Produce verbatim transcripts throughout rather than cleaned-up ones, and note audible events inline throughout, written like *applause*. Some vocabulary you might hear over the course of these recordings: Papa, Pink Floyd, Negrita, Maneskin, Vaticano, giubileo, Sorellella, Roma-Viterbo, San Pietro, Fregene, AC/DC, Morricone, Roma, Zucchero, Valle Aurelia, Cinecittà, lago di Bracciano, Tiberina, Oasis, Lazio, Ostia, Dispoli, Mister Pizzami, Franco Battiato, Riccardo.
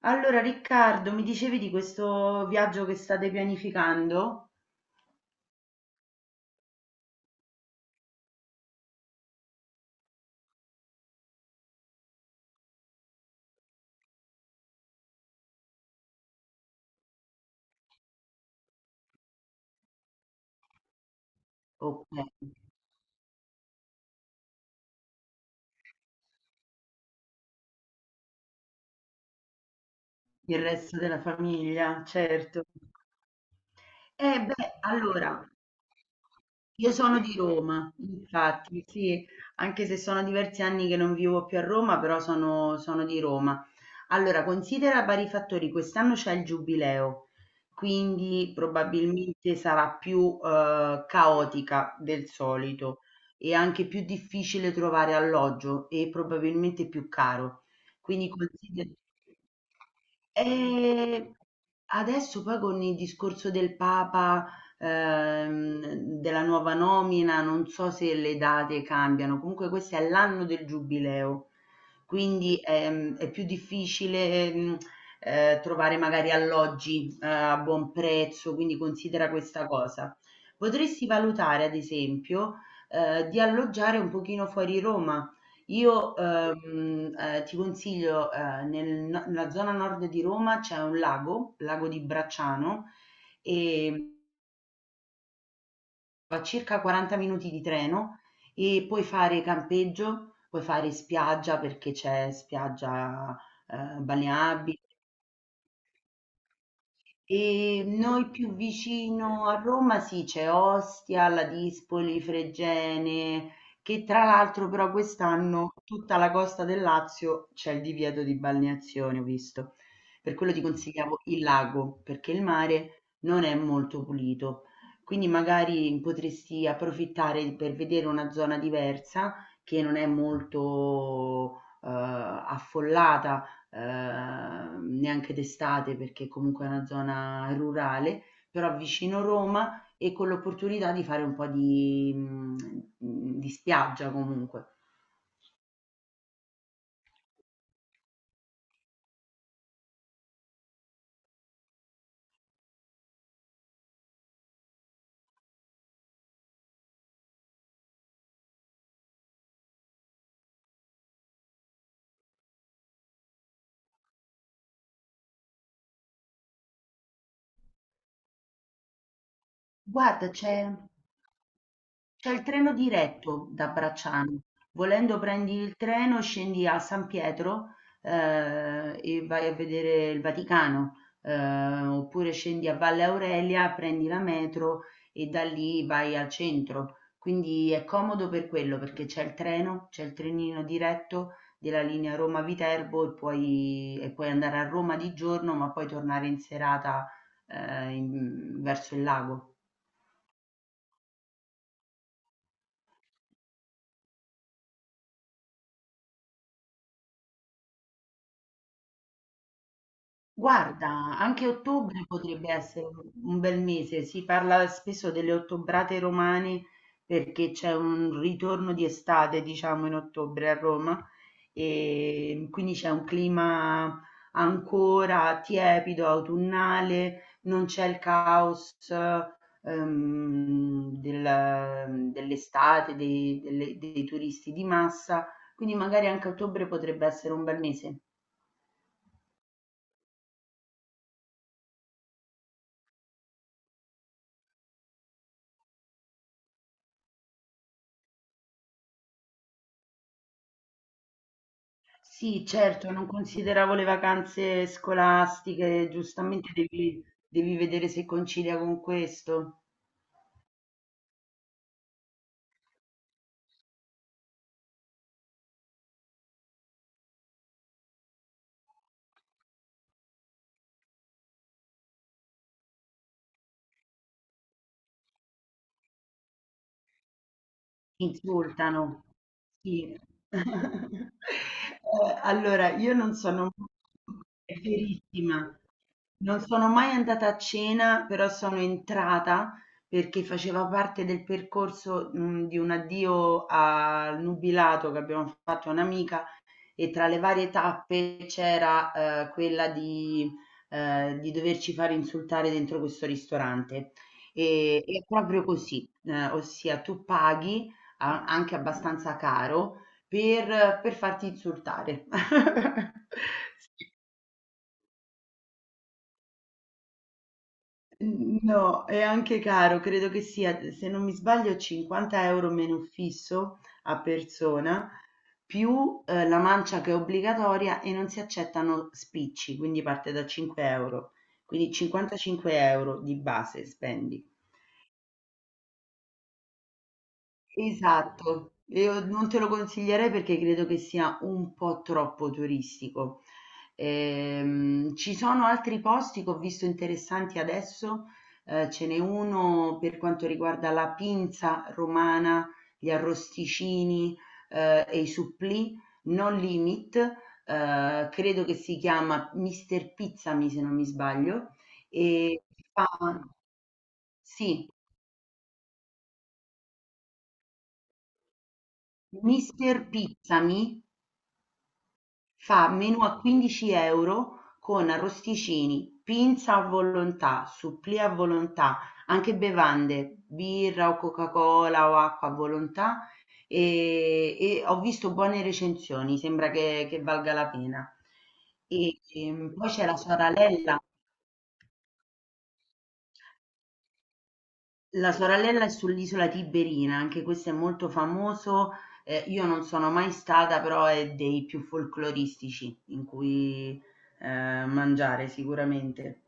Allora Riccardo, mi dicevi di questo viaggio che state pianificando? Ok, il resto della famiglia, certo. Eh beh, allora, io sono di Roma, infatti, sì, anche se sono diversi anni che non vivo più a Roma, però sono, sono di Roma. Allora, considera vari fattori, quest'anno c'è il giubileo, quindi probabilmente sarà più eh, caotica del solito e anche più difficile trovare alloggio e probabilmente più caro. Quindi considera... E adesso poi con il discorso del Papa, ehm, della nuova nomina, non so se le date cambiano, comunque questo è l'anno del giubileo. Quindi, ehm, è più difficile, mhmm, ehm, eh, trovare magari alloggi, ehm, a buon prezzo, quindi considera questa cosa. Potresti valutare ad esempio, ehm, di alloggiare un pochino fuori Roma. Io, ehm, ehm, ti consiglio, ehm, nel no nella zona nord di Roma c'è un lago, lago di Bracciano, ehm circa quaranta minuti di treno e puoi fare campeggio, puoi fare spiaggia perché c'è spiaggia, ehm, balneabile e noi più vicino a Roma sì, c'è Ostia, la Dispoli, Fregene, che tra l'altro però quest'anno tutta la costa del Lazio c'è il divieto di balneazione, ho visto. Per quello ti consigliavo il lago, perché il mare non è molto pulito. Quindi magari potresti approfittare per vedere una zona diversa che non è molto eh, affollata ehm, neanche d'estate perché comunque è una zona rurale, però vicino Roma e con l'opportunità di fare un po' di, mhmm, di spiaggia comunque. Guarda, c'è c'è il treno diretto da Bracciano, volendo prendi il treno, scendi a San Pietro, eh, e vai a vedere il Vaticano, eh, oppure scendi a Valle Aurelia, prendi la metro e da lì vai al centro. Quindi è comodo per quello, perché c'è il treno, c'è il trenino diretto della linea Roma-Viterbo e puoi, e puoi andare a Roma di giorno, ma poi tornare in serata, eh, in- verso il lago. Guarda, anche ottobre potrebbe essere un un bel mese. Si parla spesso delle ottobrate romane perché c'è un ritorno di estate, diciamo, in ottobre a Roma e quindi c'è un clima ancora tiepido, autunnale, non c'è il caos ehm, del- dell'estate, dei, delle- dei turisti di massa, quindi magari anche ottobre potrebbe essere un bel mese. Sì, certo, non consideravo le vacanze scolastiche, giustamente devi, devi vedere se concilia con questo. Ti insultano. Sì. *laughs* Eh, allora, io non sono è verissima. Non sono mai andata a cena, però sono entrata perché faceva parte del percorso, mh, di un addio al nubilato che abbiamo fatto a un'amica e tra le varie tappe c'era eh, quella di, eh, di doverci fare insultare dentro questo ristorante. E, è proprio così, eh, ossia tu paghi a- anche abbastanza caro per, per farti insultare. *laughs* Sì. N- No, è anche caro, credo che sia, se non mi sbaglio, cinquanta euro meno fisso a persona, più eh, la mancia che è obbligatoria e non si accettano spicci, quindi parte da cinque euro. Quindi cinquantacinque euro di base spendi. Esatto, io non te lo consiglierei perché credo che sia un po' troppo turistico. Ehm, ci sono altri posti che ho visto interessanti adesso, eh, ce n'è uno per quanto riguarda la pinza romana, gli arrosticini, eh, e i supplì, non limit, eh, credo che si chiama Mister Pizzami se non mi sbaglio, e fa, sì, Mister Pizzami fa menù a quindici euro con arrosticini, pinza a volontà, supplì a volontà, anche bevande, birra o Coca-Cola o acqua a volontà e, e ho visto buone recensioni, sembra che, che valga la pena. E, ehm, poi c'è la Soralella. La Sorellella è sull'isola Tiberina, anche questo è molto famoso, ehm, io non sono mai stata, però è dei più folcloristici in cui, ehm, mangiare sicuramente.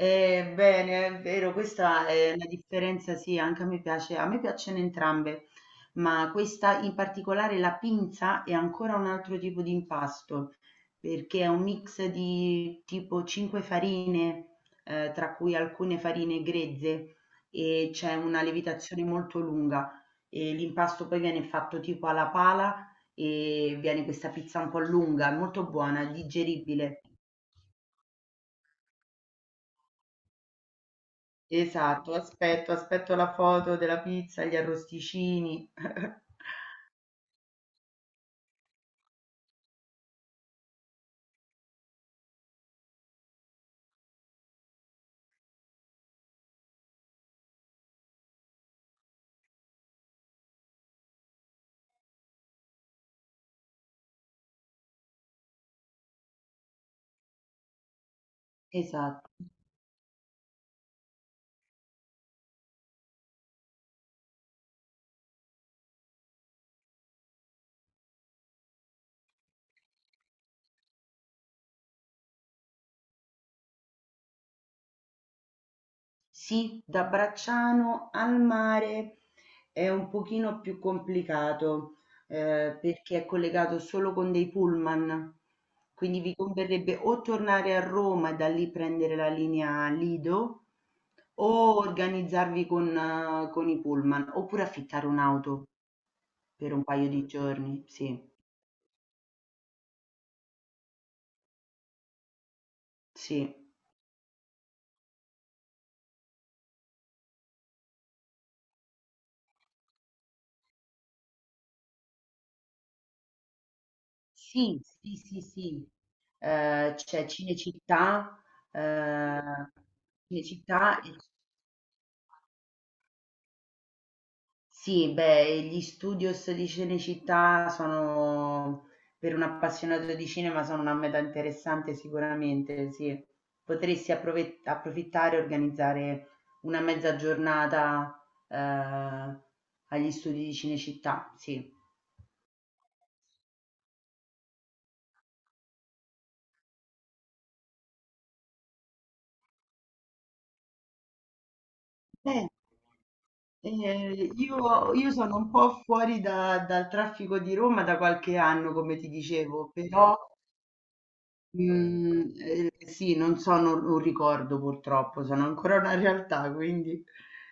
Eh, bene, è vero, questa è una differenza, sì, anche a me piace, a me piacciono entrambe, ma questa in particolare, la pinza, è ancora un altro tipo di impasto, perché è un mix di tipo cinque farine, eh, tra cui alcune farine grezze, e c'è una lievitazione molto lunga, e l'impasto poi viene fatto tipo alla pala e viene questa pizza un po' lunga, molto buona, digeribile. Esatto, aspetto, aspetto la foto della pizza, gli arrosticini. *laughs* Esatto. Sì, da Bracciano al mare è un pochino più complicato eh, perché è collegato solo con dei pullman. Quindi vi converrebbe o tornare a Roma e da lì prendere la linea Lido o organizzarvi con, eh, con i pullman oppure affittare un'auto per un paio di giorni. Sì, sì. Sì, sì, sì, sì. Ehm, c'è Cinecittà, ehm, Cinecittà e sì, beh, gli studios di Cinecittà sono, per un appassionato di cinema, sono una meta interessante sicuramente, sì. Potresti approve- approfittare e organizzare una mezza giornata, eh, agli studi di Cinecittà, sì. Beh, eh, io, io sono un po' fuori da- dal traffico di Roma da qualche anno, come ti dicevo, però, Mhmm, ehm, sì, non sono un ricordo purtroppo, sono ancora una realtà, quindi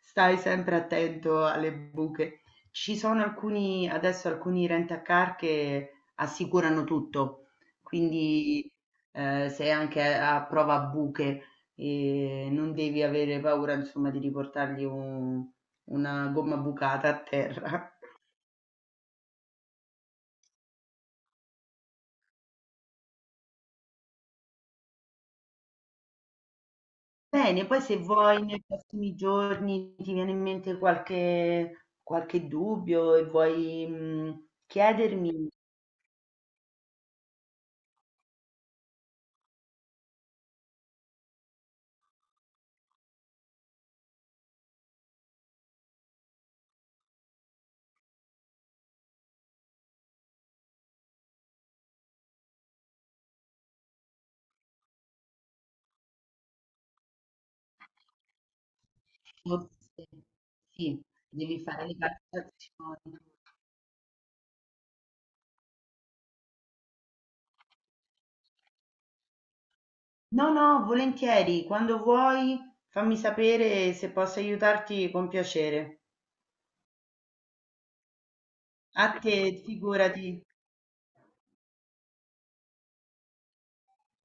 stai sempre attento alle buche. Ci sono alcuni adesso alcuni rent a car che assicurano tutto, quindi, ehm, sei anche a a prova a buche e non devi avere paura, insomma, di riportargli un una gomma bucata a terra. Bene, poi se vuoi nei prossimi giorni ti viene in mente qualche, qualche dubbio e vuoi mh, chiedermi, forse sì, devi fare le calcolazioni. No, no, volentieri, quando vuoi fammi sapere se posso aiutarti con piacere. A te, figurati.